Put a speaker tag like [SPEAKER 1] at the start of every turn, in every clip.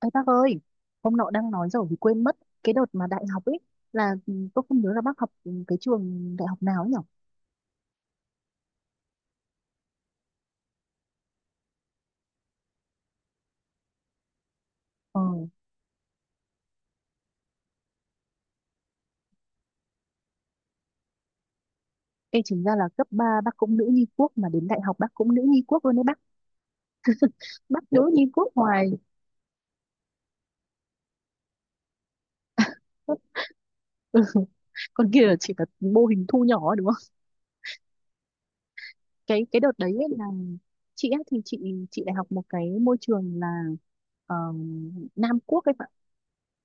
[SPEAKER 1] Ê bác ơi, hôm nọ đang nói rồi thì quên mất cái đợt mà đại học ấy là tôi không nhớ là bác học cái trường đại học nào ấy nhỉ? Ờ, ê chính ra là cấp 3 bác cũng nữ nhi quốc mà đến đại học bác cũng nữ nhi quốc luôn đấy bác. Bác nữ nhi quốc hoài. Ừ, còn kia là chỉ là mô hình thu nhỏ ấy, đúng không? Cái đợt đấy ấy là chị ấy thì chị đại học một cái môi trường là ờ, Nam Quốc ấy,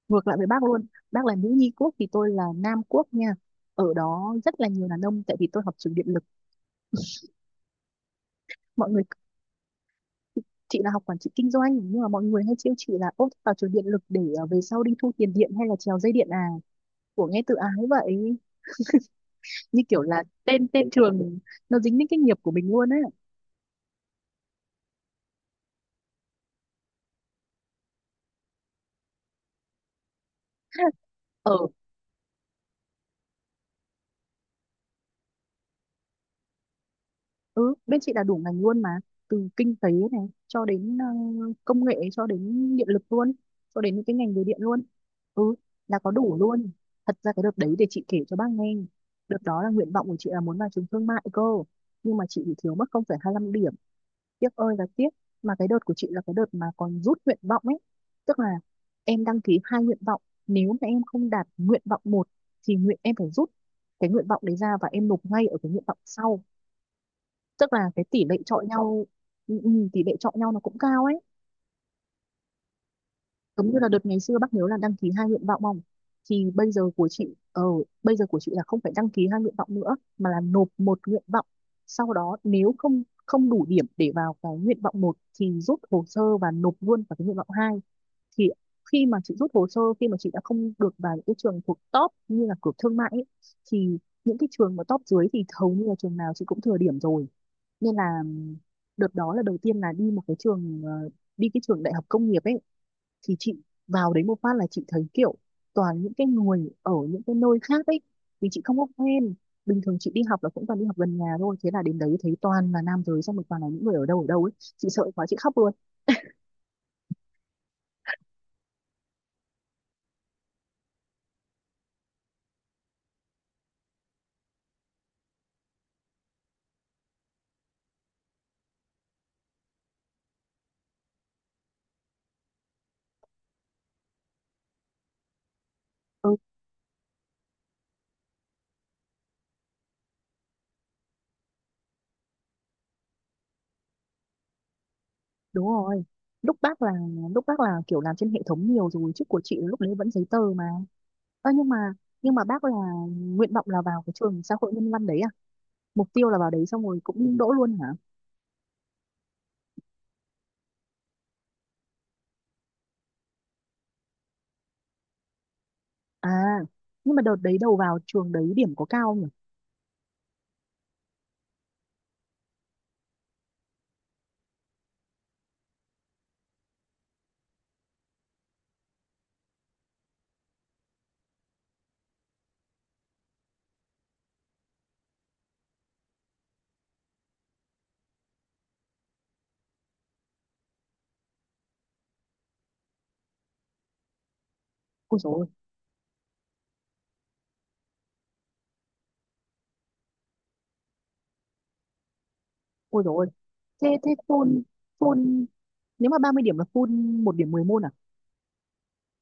[SPEAKER 1] ngược lại với bác luôn. Bác là nữ nhi quốc thì tôi là nam quốc nha, ở đó rất là nhiều đàn ông tại vì tôi học trường điện lực. Mọi người, chị là học quản trị kinh doanh nhưng mà mọi người hay trêu chị là ốp vào trường điện lực để về sau đi thu tiền điện hay là trèo dây điện à, của nghe tự ái vậy, như kiểu là tên tên trường nó dính đến cái nghiệp của mình luôn á. Ở, ừ bên chị là đủ ngành luôn mà, từ kinh tế này cho đến công nghệ cho đến điện lực luôn, cho đến những cái ngành về điện luôn, ừ là có đủ luôn. Thật ra cái đợt đấy để chị kể cho bác nghe, đợt đó là nguyện vọng của chị là muốn vào trường thương mại cơ, nhưng mà chị bị thiếu mất 0,25 điểm, tiếc ơi là tiếc. Mà cái đợt của chị là cái đợt mà còn rút nguyện vọng ấy, tức là em đăng ký hai nguyện vọng, nếu mà em không đạt nguyện vọng một thì nguyện em phải rút cái nguyện vọng đấy ra và em nộp ngay ở cái nguyện vọng sau, tức là cái tỷ lệ chọi nhau. Tỷ lệ chọi nhau nó cũng cao ấy, giống như là đợt ngày xưa bác nhớ là đăng ký hai nguyện vọng không, thì bây giờ của chị bây giờ của chị là không phải đăng ký hai nguyện vọng nữa mà là nộp một nguyện vọng, sau đó nếu không không đủ điểm để vào cái nguyện vọng một thì rút hồ sơ và nộp luôn vào cái nguyện vọng hai. Thì khi mà chị rút hồ sơ, khi mà chị đã không được vào những cái trường thuộc top như là cửa thương mại ấy, thì những cái trường mà top dưới thì hầu như là trường nào chị cũng thừa điểm rồi, nên là đợt đó là đầu tiên là đi một cái trường đi cái trường đại học công nghiệp ấy. Thì chị vào đấy một phát là chị thấy kiểu toàn những cái người ở những cái nơi khác ấy, vì chị không có quen, bình thường chị đi học là cũng toàn đi học gần nhà thôi, thế là đến đấy thấy toàn là nam giới xong rồi toàn là những người ở đâu ấy, chị sợ quá chị khóc luôn. Ừ, đúng rồi. Lúc bác là, lúc bác là kiểu làm trên hệ thống nhiều rồi chứ của chị lúc đấy vẫn giấy tờ mà. Ơ nhưng mà, nhưng mà bác là nguyện vọng là vào cái trường xã hội nhân văn đấy à, mục tiêu là vào đấy xong rồi cũng đỗ luôn hả? À, nhưng mà đợt đấy đầu vào trường đấy điểm có cao không nhỉ? Ôi dồi ôi, ôi dồi ôi. Thế, thế full, full, nếu mà 30 điểm là full một điểm 10 môn à?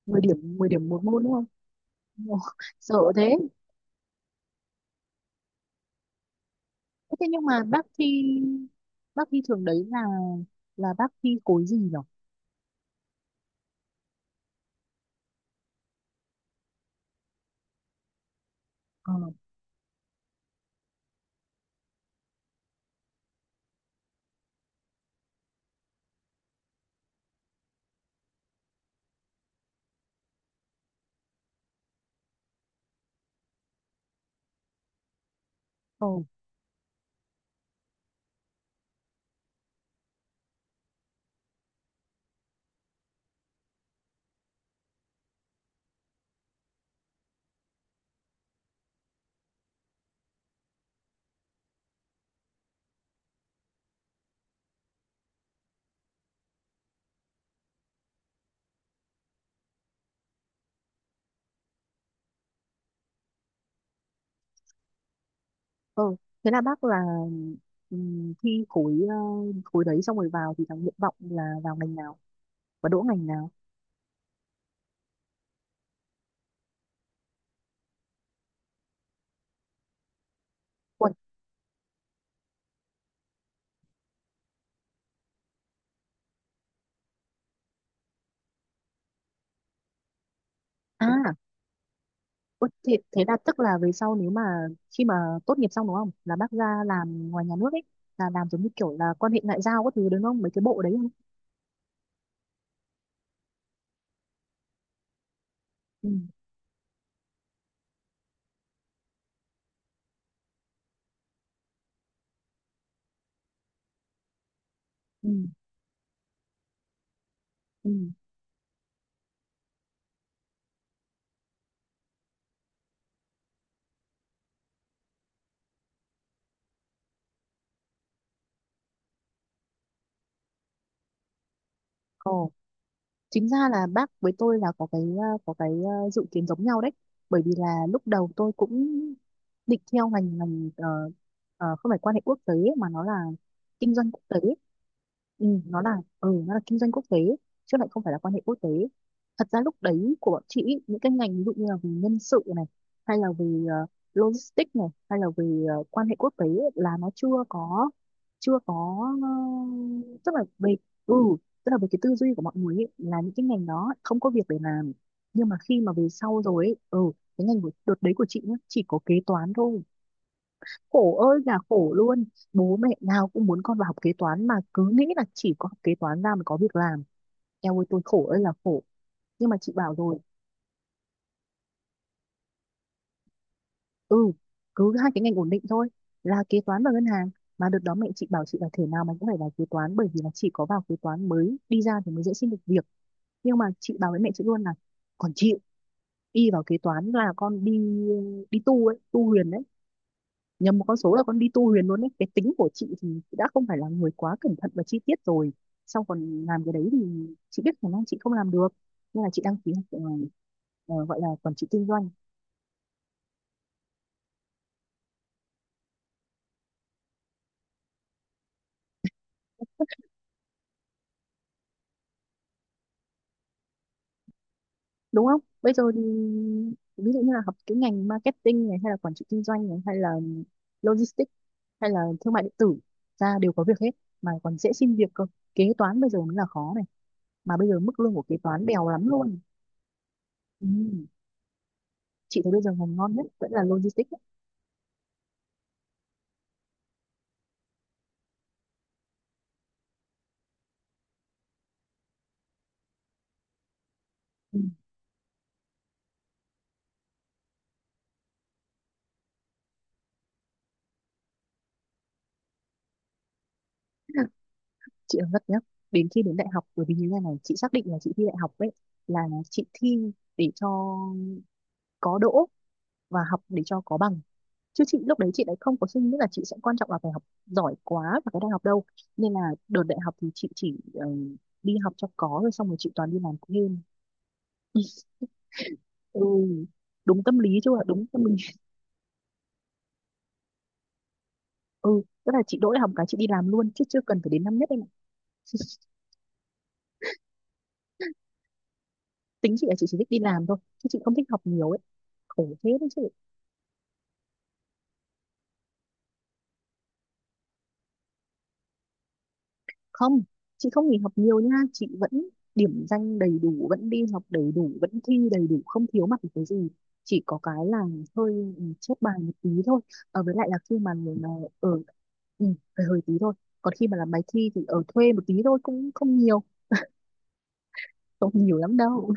[SPEAKER 1] Mười điểm, 10 điểm một môn đúng không? Ồ, sợ thế. Thế thế nhưng mà bác thi trường đấy là bác thi khối gì nhỉ? Ờ, ờ, ờ. Thế là bác là thi khối, khối đấy xong rồi vào thì thằng nguyện vọng là vào ngành nào? Và đỗ ngành nào? Ui, à. Ủa, thế, thế là tức là về sau nếu mà khi mà tốt nghiệp xong đúng không là bác ra làm ngoài nhà nước ấy, là làm giống như kiểu là quan hệ ngoại giao các thứ đúng không mấy cái bộ đấy không? ừ ừ ừ Ồ, chính ra là bác với tôi là có cái có cái dự kiến giống nhau đấy, bởi vì là lúc đầu tôi cũng định theo ngành ngành không phải quan hệ quốc tế mà nó là kinh doanh quốc tế. Ừ, nó là nó là kinh doanh quốc tế chứ lại không phải là quan hệ quốc tế. Thật ra lúc đấy của bọn chị ý, những cái ngành ví dụ như là về nhân sự này hay là về logistics này hay là về quan hệ quốc tế ấy, là nó chưa có, chưa có ờ, Tức là về, ừ, tức là về cái tư duy của mọi người ấy, là những cái ngành đó không có việc để làm. Nhưng mà khi mà về sau rồi ấy, ừ, cái ngành của đợt đấy của chị nhá chỉ có kế toán thôi, khổ ơi là khổ luôn. Bố mẹ nào cũng muốn con vào học kế toán mà cứ nghĩ là chỉ có học kế toán ra mới có việc làm, eo ơi tôi khổ ơi là khổ. Nhưng mà chị bảo rồi, ừ, cứ hai cái ngành ổn định thôi là kế toán và ngân hàng. Mà đợt đó mẹ chị bảo chị là thể nào mày cũng phải vào kế toán bởi vì là chỉ có vào kế toán mới đi ra thì mới dễ xin được việc. Nhưng mà chị bảo với mẹ chị luôn là còn chịu, y vào kế toán là con đi đi tu ấy, tu huyền đấy, nhầm một con số là con đi tu huyền luôn đấy. Cái tính của chị thì đã không phải là người quá cẩn thận và chi tiết rồi, xong còn làm cái đấy thì chị biết khả năng chị không làm được, nên là chị đăng ký học gọi là quản trị kinh doanh. Đúng không bây giờ thì ví dụ như là học cái ngành marketing này hay là quản trị kinh doanh này hay là logistics hay là thương mại điện tử, ra đều có việc hết, mà còn dễ xin việc cơ. Kế toán bây giờ mới là khó này, mà bây giờ mức lương của kế toán bèo lắm luôn. Ừ. Chị thấy bây giờ ngành ngon nhất vẫn là logistics ấy. Ừ. Chị nói thật nhá, đến khi đến đại học bởi vì như thế này chị xác định là chị thi đại học ấy, là chị thi để cho có đỗ và học để cho có bằng, chứ chị lúc đấy chị lại không có suy nghĩ là chị sẽ quan trọng là phải học giỏi quá vào cái đại học đâu, nên là đợt đại học thì chị chỉ đi học cho có rồi xong rồi chị toàn đi làm thêm. Ừ, đúng tâm lý chứ ạ, đúng tâm lý. Ừ, tức là chị đỗ đại học cái chị đi làm luôn chứ chưa cần phải đến năm nhất em ạ. Tính chị là chị chỉ thích đi làm thôi chứ chị không thích học nhiều ấy, khổ thế đấy chứ. Không, chị không nghỉ học nhiều nha, chị vẫn điểm danh đầy đủ vẫn đi học đầy đủ vẫn thi đầy đủ không thiếu mặt một cái gì, chỉ có cái là hơi chép bài một tí thôi. À, với lại là khi mà ở, ừ, hơi hơi tí thôi. Còn khi mà làm bài thi thì ở thuê một tí thôi, cũng không nhiều, không nhiều lắm đâu.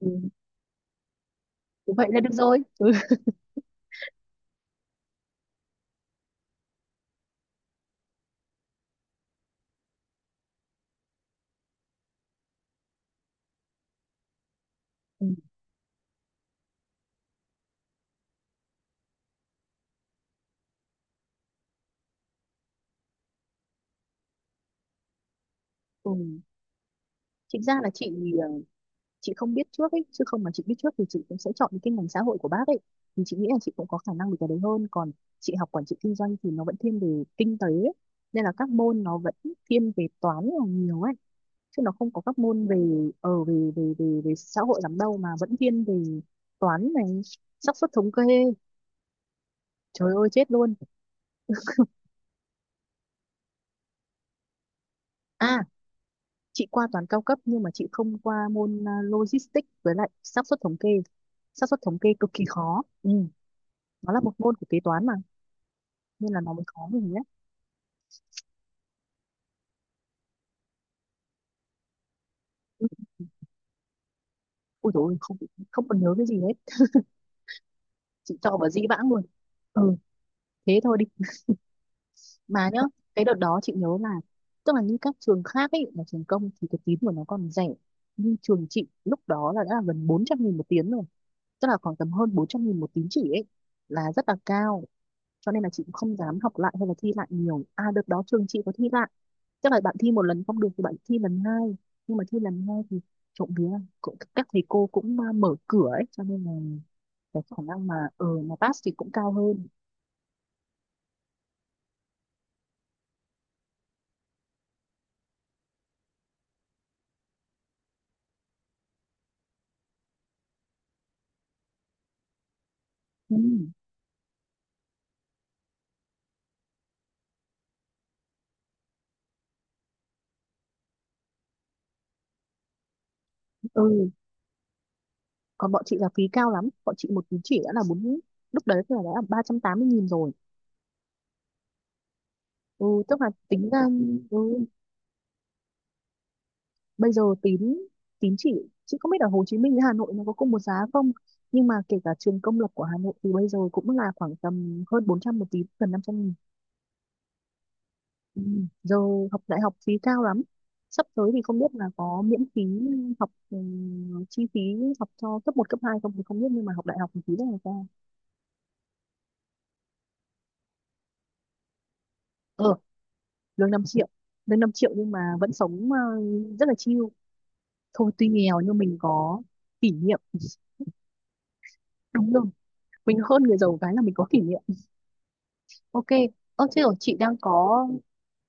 [SPEAKER 1] Ừ, thế vậy là được rồi, ừ. Ừ. Chính ra là chị, ờ, chị không biết trước ấy, chứ không mà chị biết trước thì chị cũng sẽ chọn những cái ngành xã hội của bác ấy, thì chị nghĩ là chị cũng có khả năng được cái đấy hơn. Còn chị học quản trị kinh doanh thì nó vẫn thiên về kinh tế ấy, nên là các môn nó vẫn thiên về toán là nhiều ấy, chứ nó không có các môn về ở về về về về xã hội lắm đâu, mà vẫn thiên về toán này, xác suất thống kê, trời ơi chết luôn. À, chị qua toán cao cấp nhưng mà chị không qua môn à, logistics với lại xác suất thống kê, xác suất thống kê cực kỳ khó, ừ. Nó là một môn của kế toán mà, nên là nó mới khó mình nhé. Ui dồi ôi, không, không còn nhớ cái gì hết, chị cho vào dĩ vãng luôn. Ừ, thế thôi đi mà nhá. Cái đợt đó chị nhớ là tức là như các trường khác ấy là trường công thì cái tín của nó còn rẻ, nhưng trường chị lúc đó là đã là gần 400 nghìn một tín rồi, tức là khoảng tầm hơn 400 nghìn một tín chỉ ấy, là rất là cao. Cho nên là chị cũng không dám học lại hay là thi lại nhiều, à đợt đó trường chị có thi lại, chắc là bạn thi một lần không được thì bạn thi lần hai, nhưng mà thi lần hai thì trộm vía cũng các thầy cô cũng à, mở cửa ấy, cho nên là cái khả năng mà ờ mà pass thì cũng cao hơn. ừ, ừ. Còn bọn chị là phí cao lắm, bọn chị một tín chỉ đã là bốn, lúc đấy là đã là ba trăm tám mươi nghìn rồi. Ừ, tức là tính ra ừ, bây giờ tín, tín chỉ chị không biết ở Hồ Chí Minh với Hà Nội nó có cùng một giá không, nhưng mà kể cả trường công lập của Hà Nội thì bây giờ cũng là khoảng tầm hơn 400 một tín gần 500 nghìn. Ừ. Giờ học đại học phí cao lắm, sắp tới thì không biết là có miễn phí học chi phí học cho cấp một cấp 2 không thì không biết, nhưng mà học đại học thì phí rất là cao. Ờ, lương 5 triệu, lương 5 triệu nhưng mà vẫn sống rất là chill, thôi tuy nghèo nhưng mình có kỷ niệm. Đúng rồi, mình hơn người giàu cái là mình có kỷ niệm. Ok. Ơ chứ rồi chị đang có,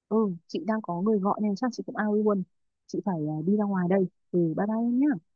[SPEAKER 1] ừ, chị đang có người gọi nên chắc chị cũng ao luôn, chị phải à, đi ra ngoài đây. Ừ, bye bye em nhá.